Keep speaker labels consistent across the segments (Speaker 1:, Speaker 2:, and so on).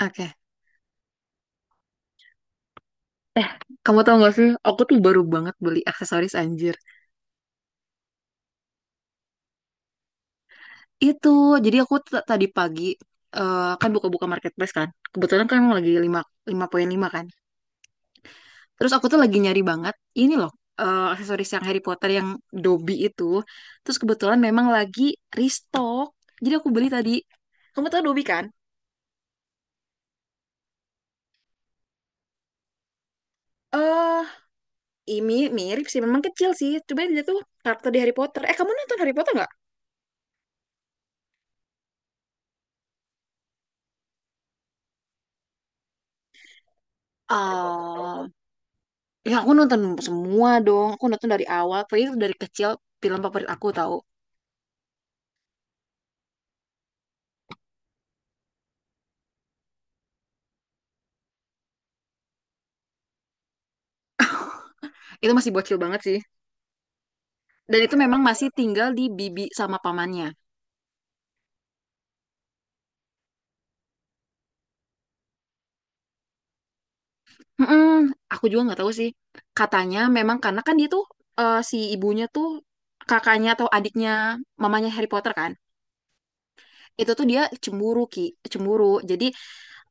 Speaker 1: Oke. Eh, Kamu tau gak sih? Aku tuh baru banget beli aksesoris anjir. Itu, jadi aku tadi pagi kan buka-buka marketplace kan. Kebetulan kan emang lagi 5, lima koma lima kan. Terus aku tuh lagi nyari banget ini loh, aksesoris yang Harry Potter yang Dobby itu. Terus kebetulan memang lagi restock. Jadi aku beli tadi. Kamu tau Dobby kan? Eh, ini mirip sih, memang kecil sih. Coba dia tuh karakter di Harry Potter. Kamu nonton Harry Potter nggak? Oh, ya aku nonton semua dong. Aku nonton dari awal. Pokoknya itu dari kecil film favorit aku tahu. Itu masih bocil banget sih. Dan itu memang masih tinggal di bibi sama pamannya. Mm-mm, aku juga nggak tahu sih. Katanya memang karena kan dia tuh si ibunya tuh kakaknya atau adiknya mamanya Harry Potter kan. Itu tuh dia cemburu Ki, cemburu. Jadi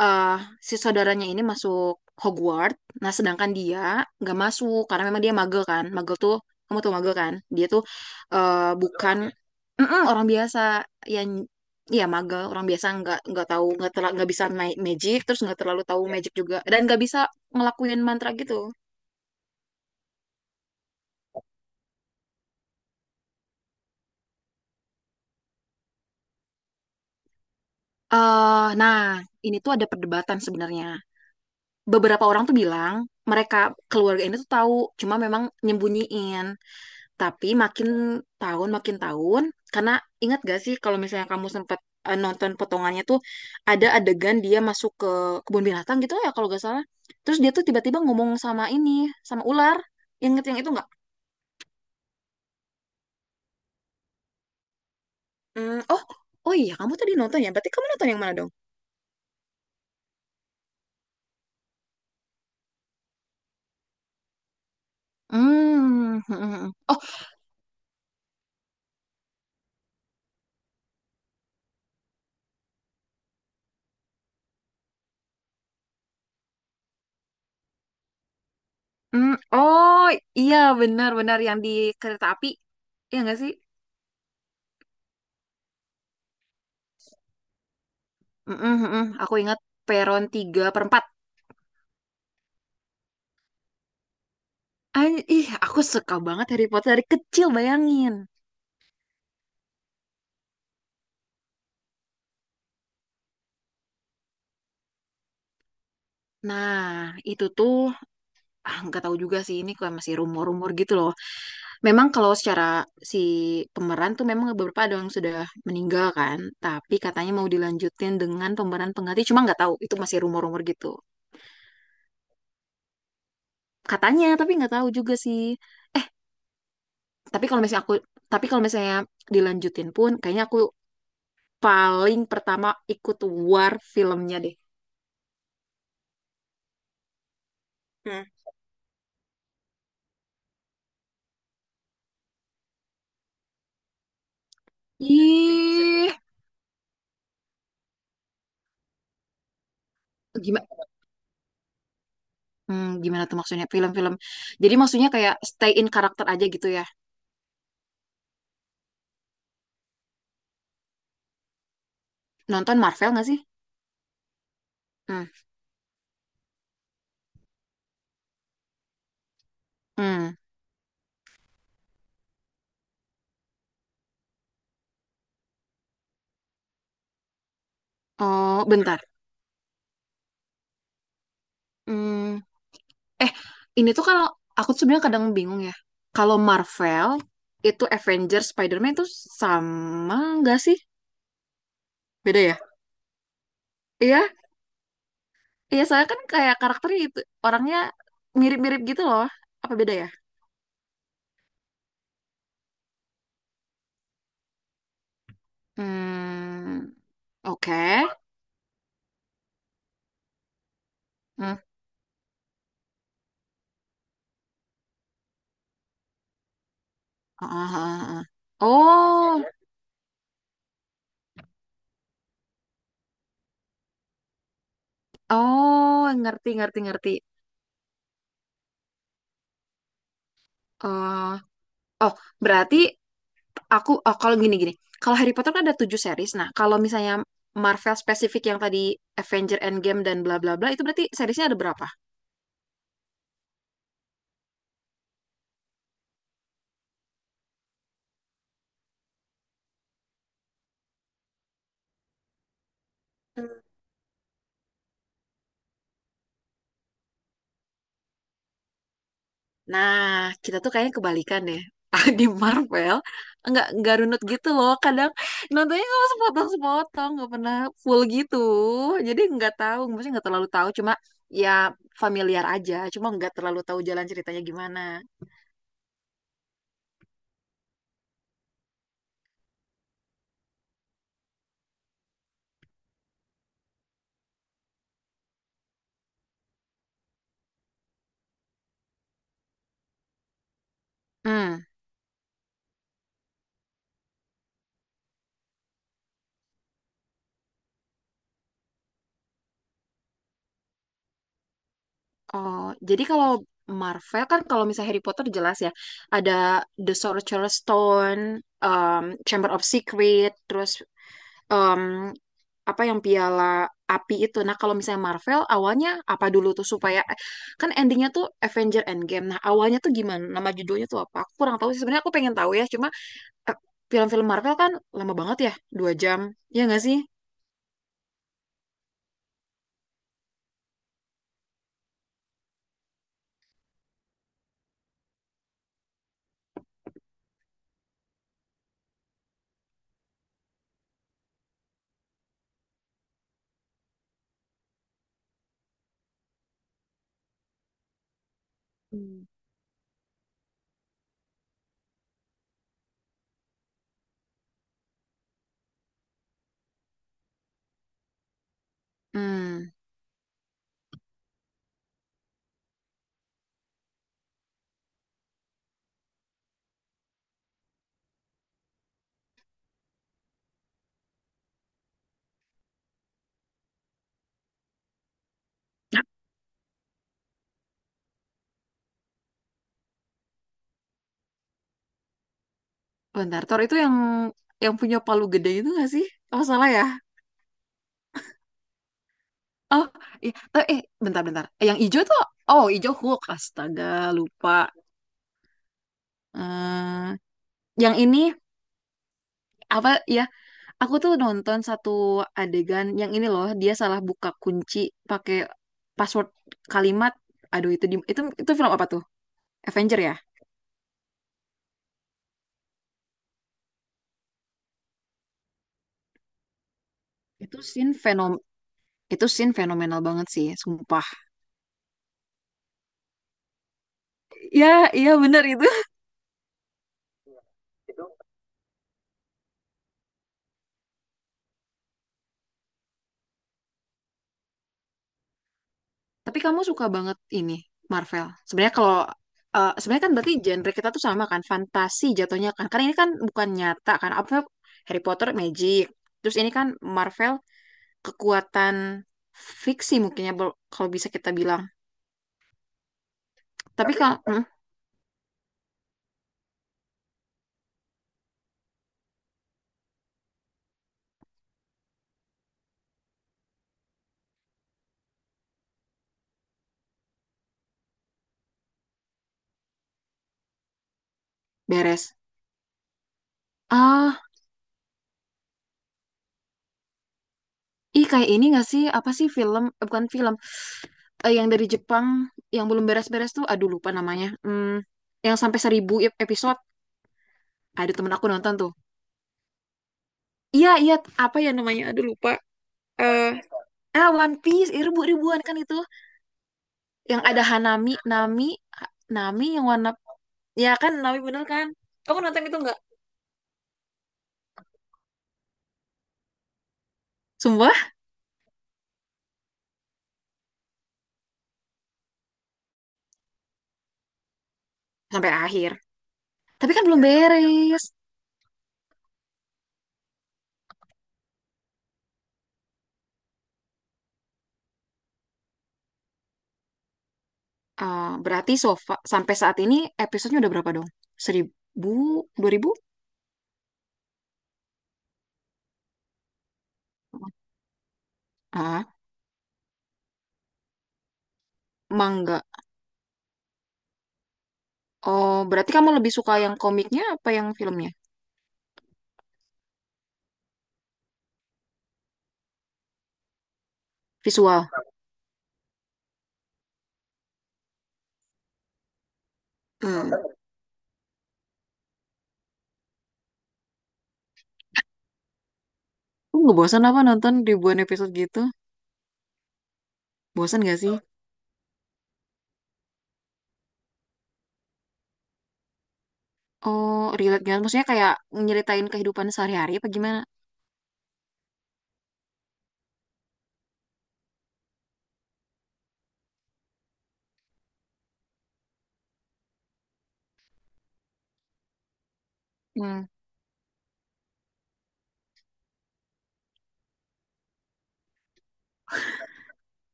Speaker 1: eh si saudaranya ini masuk Hogwarts. Nah, sedangkan dia nggak masuk karena memang dia magel kan. Magel tuh kamu tuh magel kan? Dia tuh eh, bukan mm-mm, orang biasa yang ya magel, orang biasa nggak tahu nggak bisa naik magic, terus nggak terlalu tahu magic juga dan nggak bisa ngelakuin mantra gitu. Nah, ini tuh ada perdebatan sebenarnya. Beberapa orang tuh bilang mereka keluarga ini tuh tahu, cuma memang nyembunyiin. Tapi makin tahun, karena ingat gak sih kalau misalnya kamu sempat nonton potongannya tuh ada adegan dia masuk ke kebun binatang gitu ya kalau gak salah. Terus dia tuh tiba-tiba ngomong sama ini, sama ular. Ingat yang itu nggak? Hmm, oh, iya kamu tadi nonton ya. Berarti kamu nonton yang mana dong? Hmm. Oh, hmm. Oh, iya benar-benar yang di kereta api. Iya nggak sih? Mm-mm, mm-mm. Aku ingat peron 3 per 4. An ih, aku suka banget Harry Potter dari kecil, bayangin. Nah, itu tuh nggak tahu juga sih ini kayak masih rumor-rumor gitu loh. Memang kalau secara si pemeran tuh memang beberapa ada yang sudah meninggal kan, tapi katanya mau dilanjutin dengan pemeran pengganti. Cuma nggak tahu, itu masih rumor-rumor gitu. Katanya, tapi nggak tahu juga sih. Eh, tapi kalau misalnya aku, tapi kalau misalnya dilanjutin pun, kayaknya aku paling pertama ikut war filmnya deh. Hmm. Ih, gimana? Hmm, gimana tuh maksudnya film-film? Jadi maksudnya kayak stay in karakter aja gitu ya. Nonton Marvel nggak sih? Hmm. Hmm. Oh, bentar. Hmm. Eh, ini tuh kalau aku tuh sebenarnya kadang bingung ya. Kalau Marvel itu Avengers, Spider-Man itu sama nggak sih? Beda ya? Iya, iya saya kan kayak karakternya itu orangnya mirip-mirip gitu loh. Apa beda ya? Hmm. Oke. Hmm. Ah, ah, ah, ah. Oh, oh, ngerti, ngerti, ngerti. Oh. Oh, berarti aku oh, kalau gini-gini. Kalau Harry Potter kan ada tujuh series. Nah, kalau misalnya Marvel spesifik yang tadi Avenger Endgame dan bla bla bla itu berarti seriesnya ada berapa? Nah, kita tuh kayaknya kebalikan deh. Di Marvel nggak runut gitu loh. Kadang nontonnya kalau sepotong-sepotong nggak pernah full gitu. Jadi nggak tahu, maksudnya nggak terlalu tahu. Cuma ya familiar aja. Cuma nggak terlalu tahu jalan ceritanya gimana. Hmm. Oh, jadi kalau Marvel kan kalau misalnya Harry Potter jelas ya, ada The Sorcerer's Stone, um, Chamber of Secret, terus um, apa yang piala api itu. Nah, kalau misalnya Marvel awalnya apa dulu tuh supaya kan endingnya tuh Avenger Endgame. Nah, awalnya tuh gimana? Nama judulnya tuh apa? Aku kurang tahu sih. Sebenarnya aku pengen tahu ya, cuma eh, film-film Marvel kan lama banget ya, 2 jam. Ya nggak sih? Hmm. Hmm. Bentar, Thor itu yang punya palu gede itu nggak sih? Oh, salah ya? Oh, iya. Eh, eh, bentar-bentar. Yang hijau tuh, oh, hijau Hulk. Astaga, lupa. eh yang ini apa ya? Aku tuh nonton satu adegan yang ini loh. Dia salah buka kunci pakai password kalimat. Aduh, itu di, itu film apa tuh? Avenger ya? Itu scene fenom itu scene fenomenal banget sih, sumpah. Ya, iya bener itu. Tapi kamu suka banget ini Marvel. Sebenarnya kan berarti genre kita tuh sama kan, fantasi jatuhnya kan. Karena ini kan bukan nyata kan. Apa ya, Harry Potter magic. Terus ini kan Marvel kekuatan fiksi mungkin ya kalau bisa kita bilang. Tapi kalau beres. Ah, ih kayak ini gak sih? Apa sih film? Bukan film. Yang dari Jepang yang belum beres-beres tuh. Aduh lupa namanya. Hmm, yang sampai 1.000 episode. Ada temen aku nonton tuh. Iya, iya. Apa ya namanya? Aduh lupa. Eh, One Piece, ribuan kan itu. Yang ada Hanami, Nami, Nami yang warna, ya kan Nami bener kan? Kamu nonton itu nggak? Sumpah, sampai akhir. Tapi kan belum beres. Ah, berarti sofa sampai saat ini episodenya udah berapa dong? 1.000, 2.000? Ah, mangga. Oh, berarti kamu lebih suka yang komiknya apa yang filmnya? Visual. Hmm. Lu nggak bosan apa nonton ribuan episode gitu? Bosan gak sih? Oh, relate gak? Maksudnya kayak nyeritain kehidupan sehari-hari apa gimana? Hmm.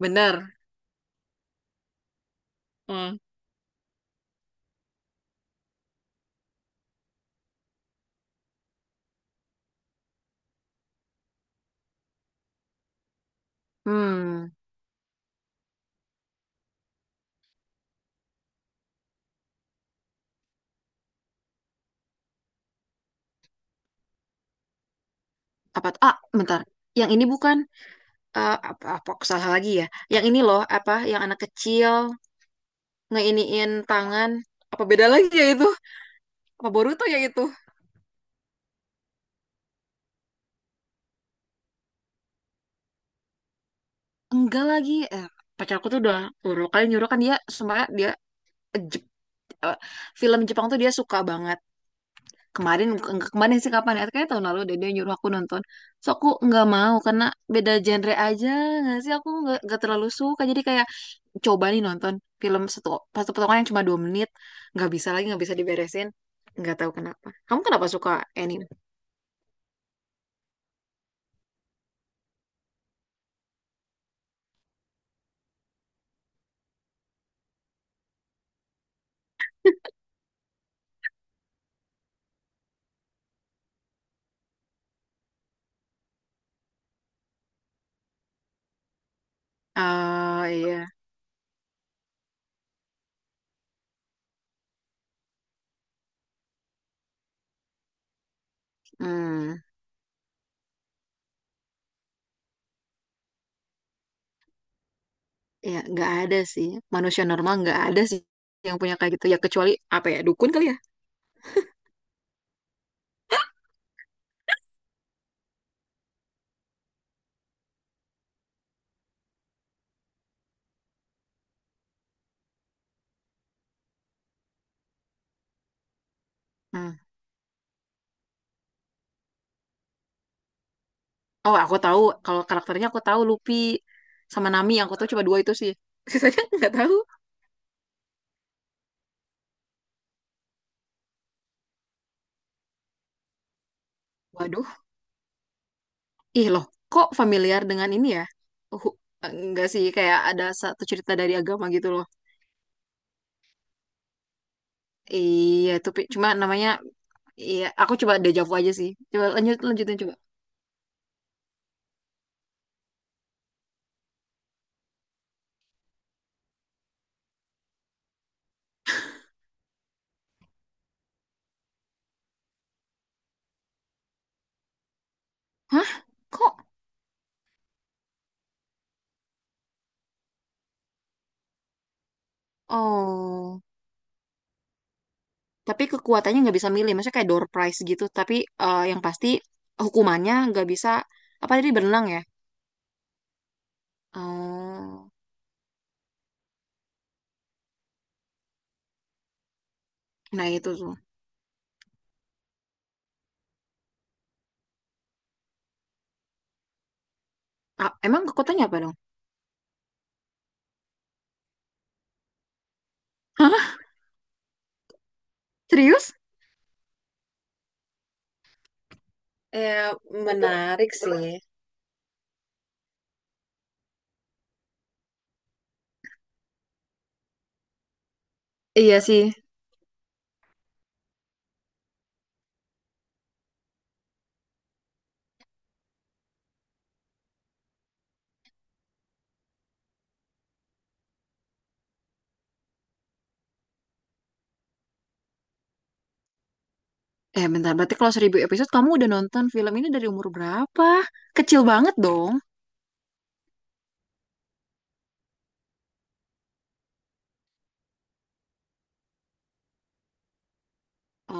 Speaker 1: Bener. Hmm. Hmm, apa tuh? Ah, bentar. Yang ini bukan eh, apa, apa aku salah lagi ya? Yang ini loh, apa yang anak kecil ngeiniin tangan. Apa beda lagi ya itu? Apa Boruto ya itu? Enggak lagi. Pacarku tuh udah beberapa kali nyuruh kan dia sebenarnya dia eh, Jep- eh, film Jepang tuh dia suka banget. Kemarin enggak kemarin sih kapan ya? Kayaknya tahun lalu deh dia nyuruh aku nonton. So aku nggak mau karena beda genre aja. Nggak sih aku nggak terlalu suka. Jadi kayak coba nih nonton film satu satu potongan yang cuma 2 menit, nggak bisa lagi, nggak bisa diberesin. Nggak tahu kenapa kamu suka anime. Ah, iya. Hmm. Ya nggak ada sih, manusia normal nggak ada sih yang punya kayak gitu ya, kecuali apa ya, dukun kali ya. Hmm. Oh, aku tahu kalau karakternya. Aku tahu Luffy sama Nami, yang aku tahu cuma dua itu sih, sisanya nggak tahu. Waduh, ih loh, kok familiar dengan ini ya. Uh, enggak sih, kayak ada satu cerita dari agama gitu loh. Iya, itu Pi. Cuma namanya. Iya, aku coba dejavu aja sih. Coba lanjutin coba. Hah? Kok? Oh, tapi kekuatannya nggak bisa milih. Maksudnya kayak door prize gitu. Tapi yang pasti hukumannya nggak bisa apa tadi berenang ya? Oh, nah itu tuh. Ah, emang kekuatannya apa dong? Hah? Serius? Eh, menarik sih. Iya sih. Eh bentar, berarti kalau 1.000 episode kamu udah nonton film ini dari umur berapa? Kecil banget dong.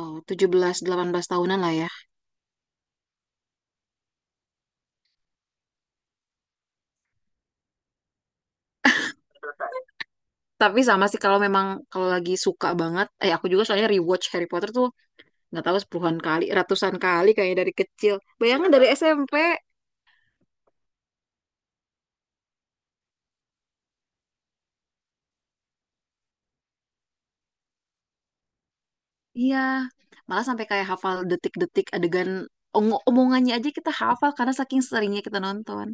Speaker 1: Oh, 17-18 tahunan lah ya. Tapi sama sih kalau memang kalau lagi suka banget, aku juga soalnya rewatch Harry Potter tuh nggak tahu sepuluhan kali, ratusan kali kayaknya dari kecil. Bayangin dari SMP, iya malah sampai kayak hafal detik-detik adegan omongannya aja kita hafal karena saking seringnya kita nonton.